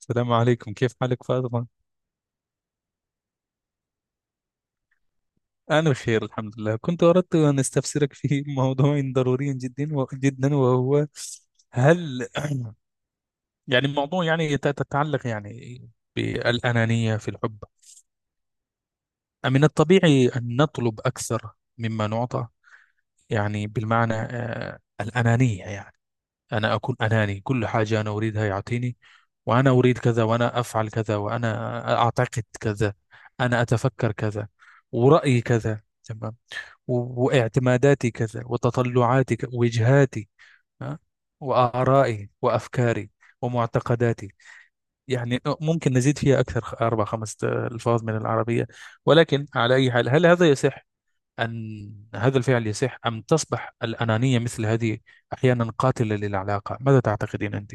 السلام عليكم، كيف حالك فاطمة؟ أنا بخير الحمد لله. كنت أردت أن أستفسرك في موضوع ضروري جدا جدا، وهو هل الموضوع تتعلق يعني بالأنانية في الحب. من الطبيعي أن نطلب أكثر مما نعطى، يعني بالمعنى الأنانية، يعني أنا أكون أناني، كل حاجة أنا أريدها يعطيني، وأنا أريد كذا، وأنا أفعل كذا، وأنا أعتقد كذا، أنا أتفكر كذا، ورأيي كذا، واعتماداتي كذا، وتطلعاتي وجهاتي، ها؟ وآرائي وأفكاري ومعتقداتي. يعني ممكن نزيد فيها أكثر أربع خمس ألفاظ من العربية، ولكن على أي حال، هل هذا يصح؟ أن هذا الفعل يصح، أم تصبح الأنانية مثل هذه أحيانا قاتلة للعلاقة؟ ماذا تعتقدين أنت؟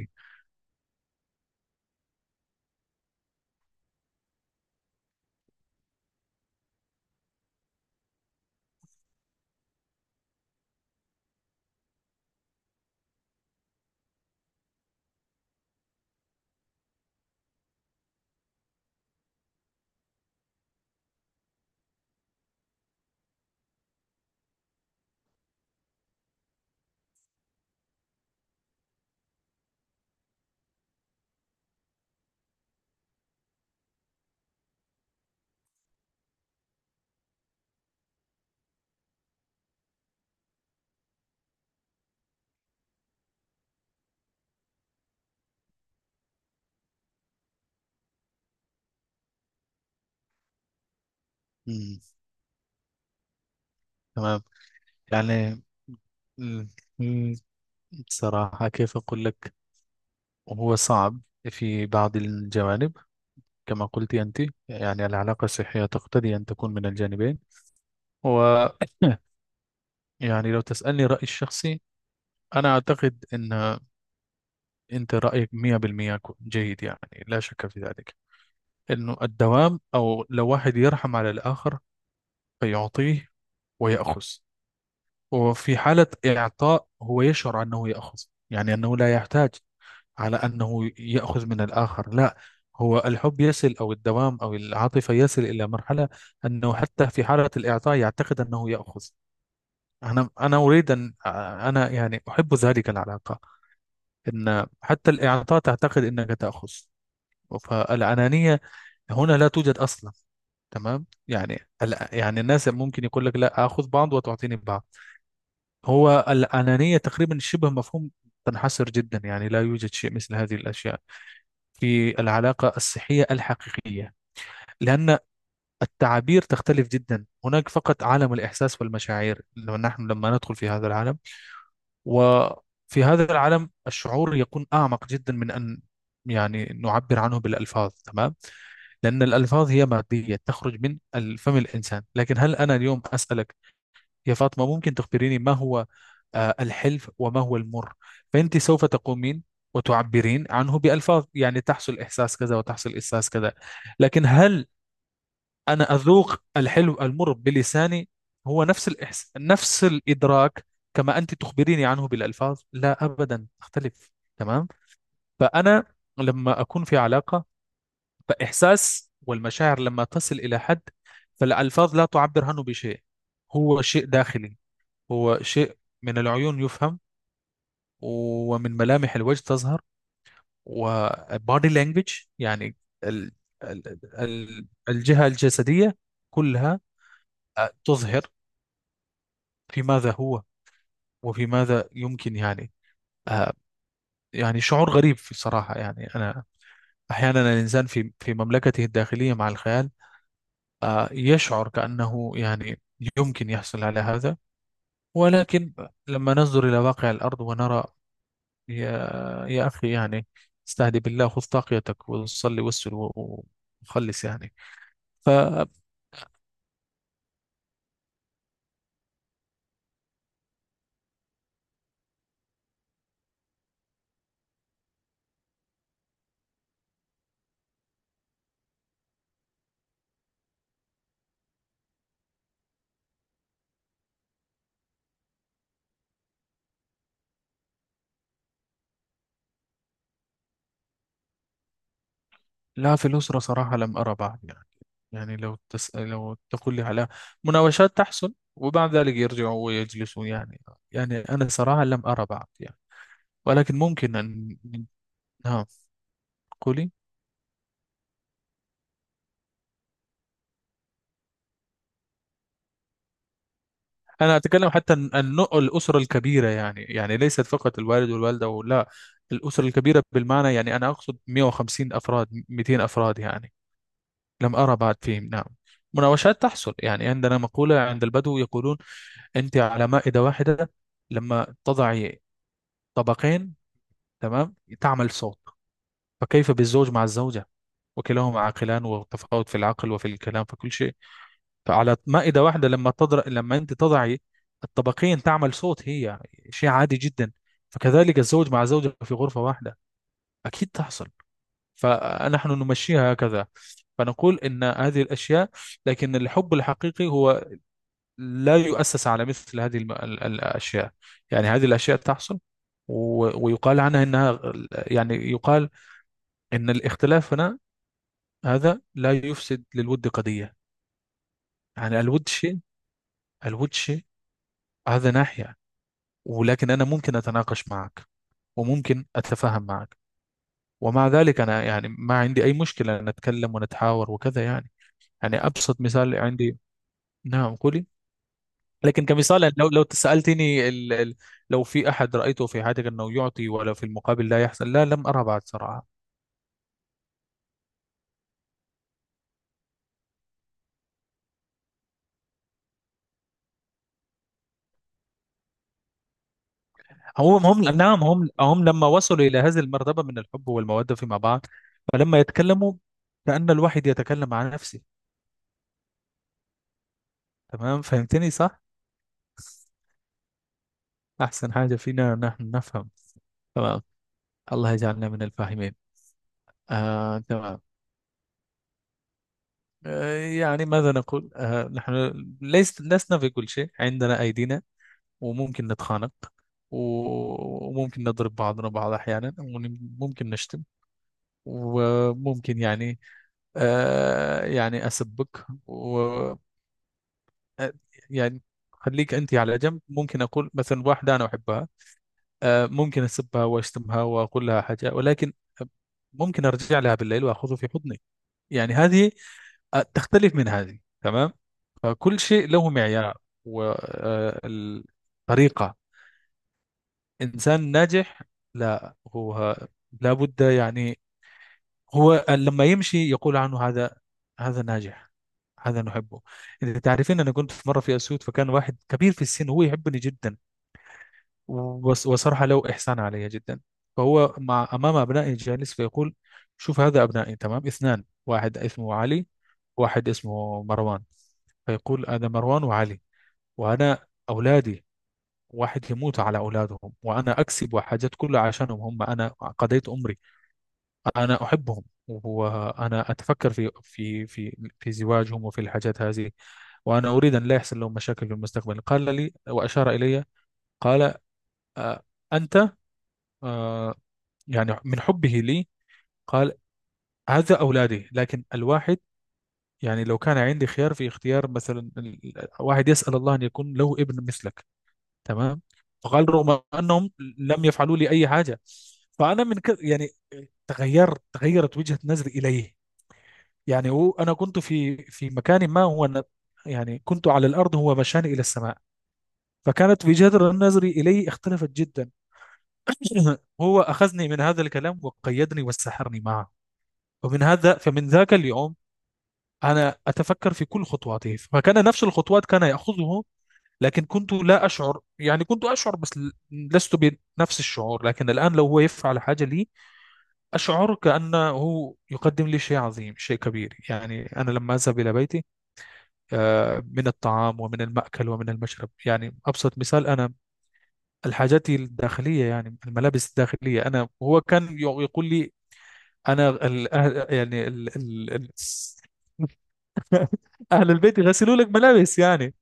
مم. تمام. يعني مم. بصراحة كيف أقول لك، هو صعب في بعض الجوانب. كما قلت أنت، يعني العلاقة الصحية تقتضي أن تكون من الجانبين، و يعني لو تسألني رأيي الشخصي، أنا أعتقد أن أنت رأيك 100% جيد يعني، لا شك في ذلك، أنه الدوام، أو لو واحد يرحم على الآخر فيعطيه ويأخذ. وفي حالة إعطاء هو يشعر أنه يأخذ، يعني أنه لا يحتاج على أنه يأخذ من الآخر، لا. هو الحب يصل، أو الدوام أو العاطفة يصل إلى مرحلة أنه حتى في حالة الإعطاء يعتقد أنه يأخذ. أنا أريد أن أنا يعني أحب ذلك العلاقة، أن حتى الإعطاء تعتقد أنك تأخذ. فالأنانية هنا لا توجد أصلا، تمام؟ يعني الناس ممكن يقول لك لا، اخذ بعض وتعطيني بعض. هو الانانيه تقريبا شبه مفهوم، تنحصر جدا، يعني لا يوجد شيء مثل هذه الاشياء في العلاقة الصحية الحقيقية. لأن التعابير تختلف جدا، هناك فقط عالم الإحساس والمشاعر، لما نحن لما ندخل في هذا العالم. وفي هذا العالم الشعور يكون أعمق جدا من أن يعني نعبر عنه بالألفاظ، تمام؟ لأن الألفاظ هي مادية تخرج من فم الإنسان. لكن هل أنا اليوم أسألك يا فاطمة، ممكن تخبريني ما هو الحلف وما هو المر؟ فأنت سوف تقومين وتعبرين عنه بألفاظ، يعني تحصل إحساس كذا، وتحصل إحساس كذا. لكن هل أنا أذوق الحلو المر بلساني، هو نفس نفس الإدراك كما أنت تخبريني عنه بالألفاظ؟ لا، أبدا تختلف، تمام؟ فأنا لما أكون في علاقة، فإحساس والمشاعر لما تصل إلى حد، فالألفاظ لا تعبر عنه بشيء. هو شيء داخلي، هو شيء من العيون يفهم، ومن ملامح الوجه تظهر، وبادي لانجوج يعني، ال ال ال الجهة الجسدية كلها تظهر في ماذا هو، وفي ماذا يمكن يعني آه، يعني شعور غريب في الصراحة. يعني أنا أحيانا الإنسان في مملكته الداخلية مع الخيال يشعر كأنه يعني يمكن يحصل على هذا، ولكن لما ننظر إلى واقع الأرض ونرى، يا يا أخي يعني استهدي بالله، خذ طاقيتك وصلي وخلص يعني. فلا، في الأسرة صراحة لم أرى بعد يعني، يعني لو لو تقول لي على مناوشات تحصل وبعد ذلك يرجعوا ويجلسوا يعني، يعني أنا صراحة لم أرى بعد يعني. ولكن ممكن أن، نعم قولي. أنا أتكلم حتى عن نوع الأسرة الكبيرة، يعني يعني ليست فقط الوالد والوالدة ولا، الأسرة الكبيرة بالمعنى، يعني أنا أقصد 150 أفراد 200 أفراد يعني، لم أرى بعد فيهم، نعم. مناوشات تحصل. يعني عندنا مقولة عند البدو يقولون: أنت على مائدة واحدة لما تضعي طبقين، تمام، تعمل صوت. فكيف بالزوج مع الزوجة، وكلاهما عاقلان، وتفاوت في العقل وفي الكلام في كل شيء. فعلى مائدة واحدة لما لما أنت تضعي الطبقين تعمل صوت، هي شيء عادي جدا. فكذلك الزوج مع زوجة في غرفة واحدة، أكيد تحصل. فنحن نمشيها هكذا، فنقول إن هذه الأشياء. لكن الحب الحقيقي هو لا يؤسس على مثل هذه الأشياء. يعني هذه الأشياء تحصل، ويقال عنها إنها، يعني يقال إن الاختلاف هنا، هذا لا يفسد للود قضية. يعني الود شيء، الود شيء، هذا ناحية. ولكن أنا ممكن أتناقش معك، وممكن أتفاهم معك، ومع ذلك أنا يعني ما عندي أي مشكلة أن نتكلم ونتحاور وكذا يعني. يعني أبسط مثال عندي، نعم قولي. لكن كمثال يعني، لو لو سألتني لو في أحد رأيته في حياتك أنه يعطي ولا في المقابل لا يحصل؟ لا، لم أرى بعد صراحة. هم هم، نعم، هم هم لما وصلوا إلى هذه المرتبة من الحب والمودة فيما بعد، فلما يتكلموا كأن الواحد يتكلم عن نفسه، تمام، فهمتني صح؟ أحسن حاجة فينا نحن نفهم، تمام. الله يجعلنا من الفاهمين. آه تمام، آه يعني ماذا نقول، آه نحن ليس لسنا في كل شيء عندنا أيدينا، وممكن نتخانق، وممكن نضرب بعضنا بعض أحيانا، وممكن نشتم، وممكن يعني آه يعني أسبك، و آه، يعني خليك أنت على جنب. ممكن أقول مثلا واحدة أنا أحبها، آه ممكن أسبها وأشتمها وأقول لها حاجة، ولكن ممكن أرجع لها بالليل وأخذه في حضني. يعني هذه تختلف من هذه، تمام. فكل شيء له معيار وطريقة. إنسان ناجح، لا هو لابد يعني هو لما يمشي يقول عنه: هذا هذا ناجح، هذا نحبه. إذا تعرفين، أنا كنت في مرة في أسيوط، فكان واحد كبير في السن هو يحبني جدا. وصراحة له إحسان علي جدا. فهو مع أمام أبنائي جالس فيقول: شوف، هذا أبنائي، تمام، اثنان، واحد اسمه علي، واحد اسمه مروان. فيقول: هذا مروان وعلي، وأنا أولادي، واحد يموت على أولادهم، وأنا أكسب حاجات كلها عشانهم هم، أنا قضيت عمري، أنا أحبهم، وأنا أتفكر في زواجهم وفي الحاجات هذه، وأنا أريد أن لا يحصل لهم مشاكل في المستقبل. قال لي وأشار إلي، قال آه، أنت آه، يعني، من حبه لي قال: هذا أولادي، لكن الواحد يعني لو كان عندي خيار في اختيار، مثلا واحد يسأل الله أن يكون له ابن مثلك، تمام. فقال: رغم انهم لم يفعلوا لي اي حاجه. فانا من كده يعني تغيرت، تغيرت وجهه نظري اليه، يعني هو، انا كنت في مكان ما هو أنا، يعني كنت على الارض، هو مشاني الى السماء. فكانت وجهه نظري اليه اختلفت جدا. هو اخذني من هذا الكلام وقيدني وسحرني معه. ومن هذا، فمن ذاك اليوم انا اتفكر في كل خطواته، فكان نفس الخطوات كان ياخذه، لكن كنت لا أشعر، يعني كنت أشعر بس لست بنفس الشعور. لكن الآن لو هو يفعل حاجة لي، أشعر كأنه يقدم لي شيء عظيم، شيء كبير. يعني أنا لما أذهب إلى بيتي، من الطعام ومن المأكل ومن المشرب، يعني أبسط مثال، أنا الحاجات الداخلية، يعني الملابس الداخلية، أنا هو كان يقول لي أنا أهل البيت يغسلوا لك ملابس يعني،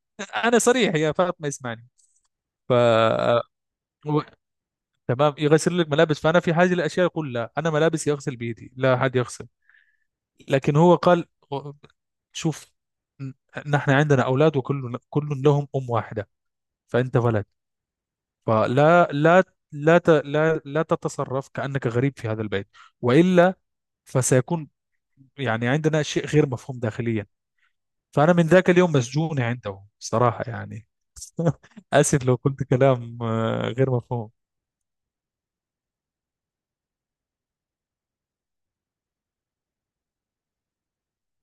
أنا صريح يا فاطمة، اسمعني. ف، تمام، يغسل لك ملابس، فانا في حاجه لاشياء يقول: لا، انا ملابسي اغسل بيدي، لا حد يغسل. لكن هو قال: شوف، ن- نحن عندنا اولاد، وكل لهم ام واحده، فانت ولد، فلا لا، لا لا تتصرف كانك غريب في هذا البيت، والا فسيكون يعني عندنا شيء غير مفهوم داخليا. فانا من ذاك اليوم مسجون عنده صراحه يعني. اسف لو قلت كلام غير مفهوم.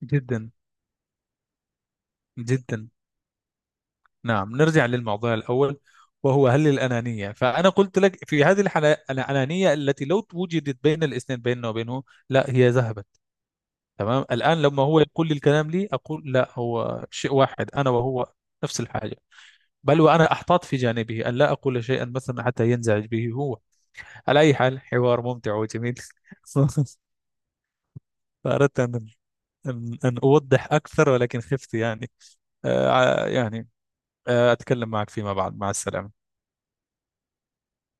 جدا، جدا. نعم، نرجع للموضوع الأول، وهو هل الأنانية؟ فأنا قلت لك، في هذه الحالة الأنانية التي لو وجدت بين الاثنين بيننا وبينه، لا، هي ذهبت، تمام. الآن لما هو يقول لي الكلام لي أقول لا، هو شيء واحد أنا وهو، نفس الحاجة. بل وأنا أحتاط في جانبه أن لا أقول شيئا مثلا حتى ينزعج به هو. على أي حال، حوار ممتع وجميل. فأردت أن أن أوضح أكثر، ولكن خفت يعني يعني أتكلم معك فيما بعد. مع السلامة.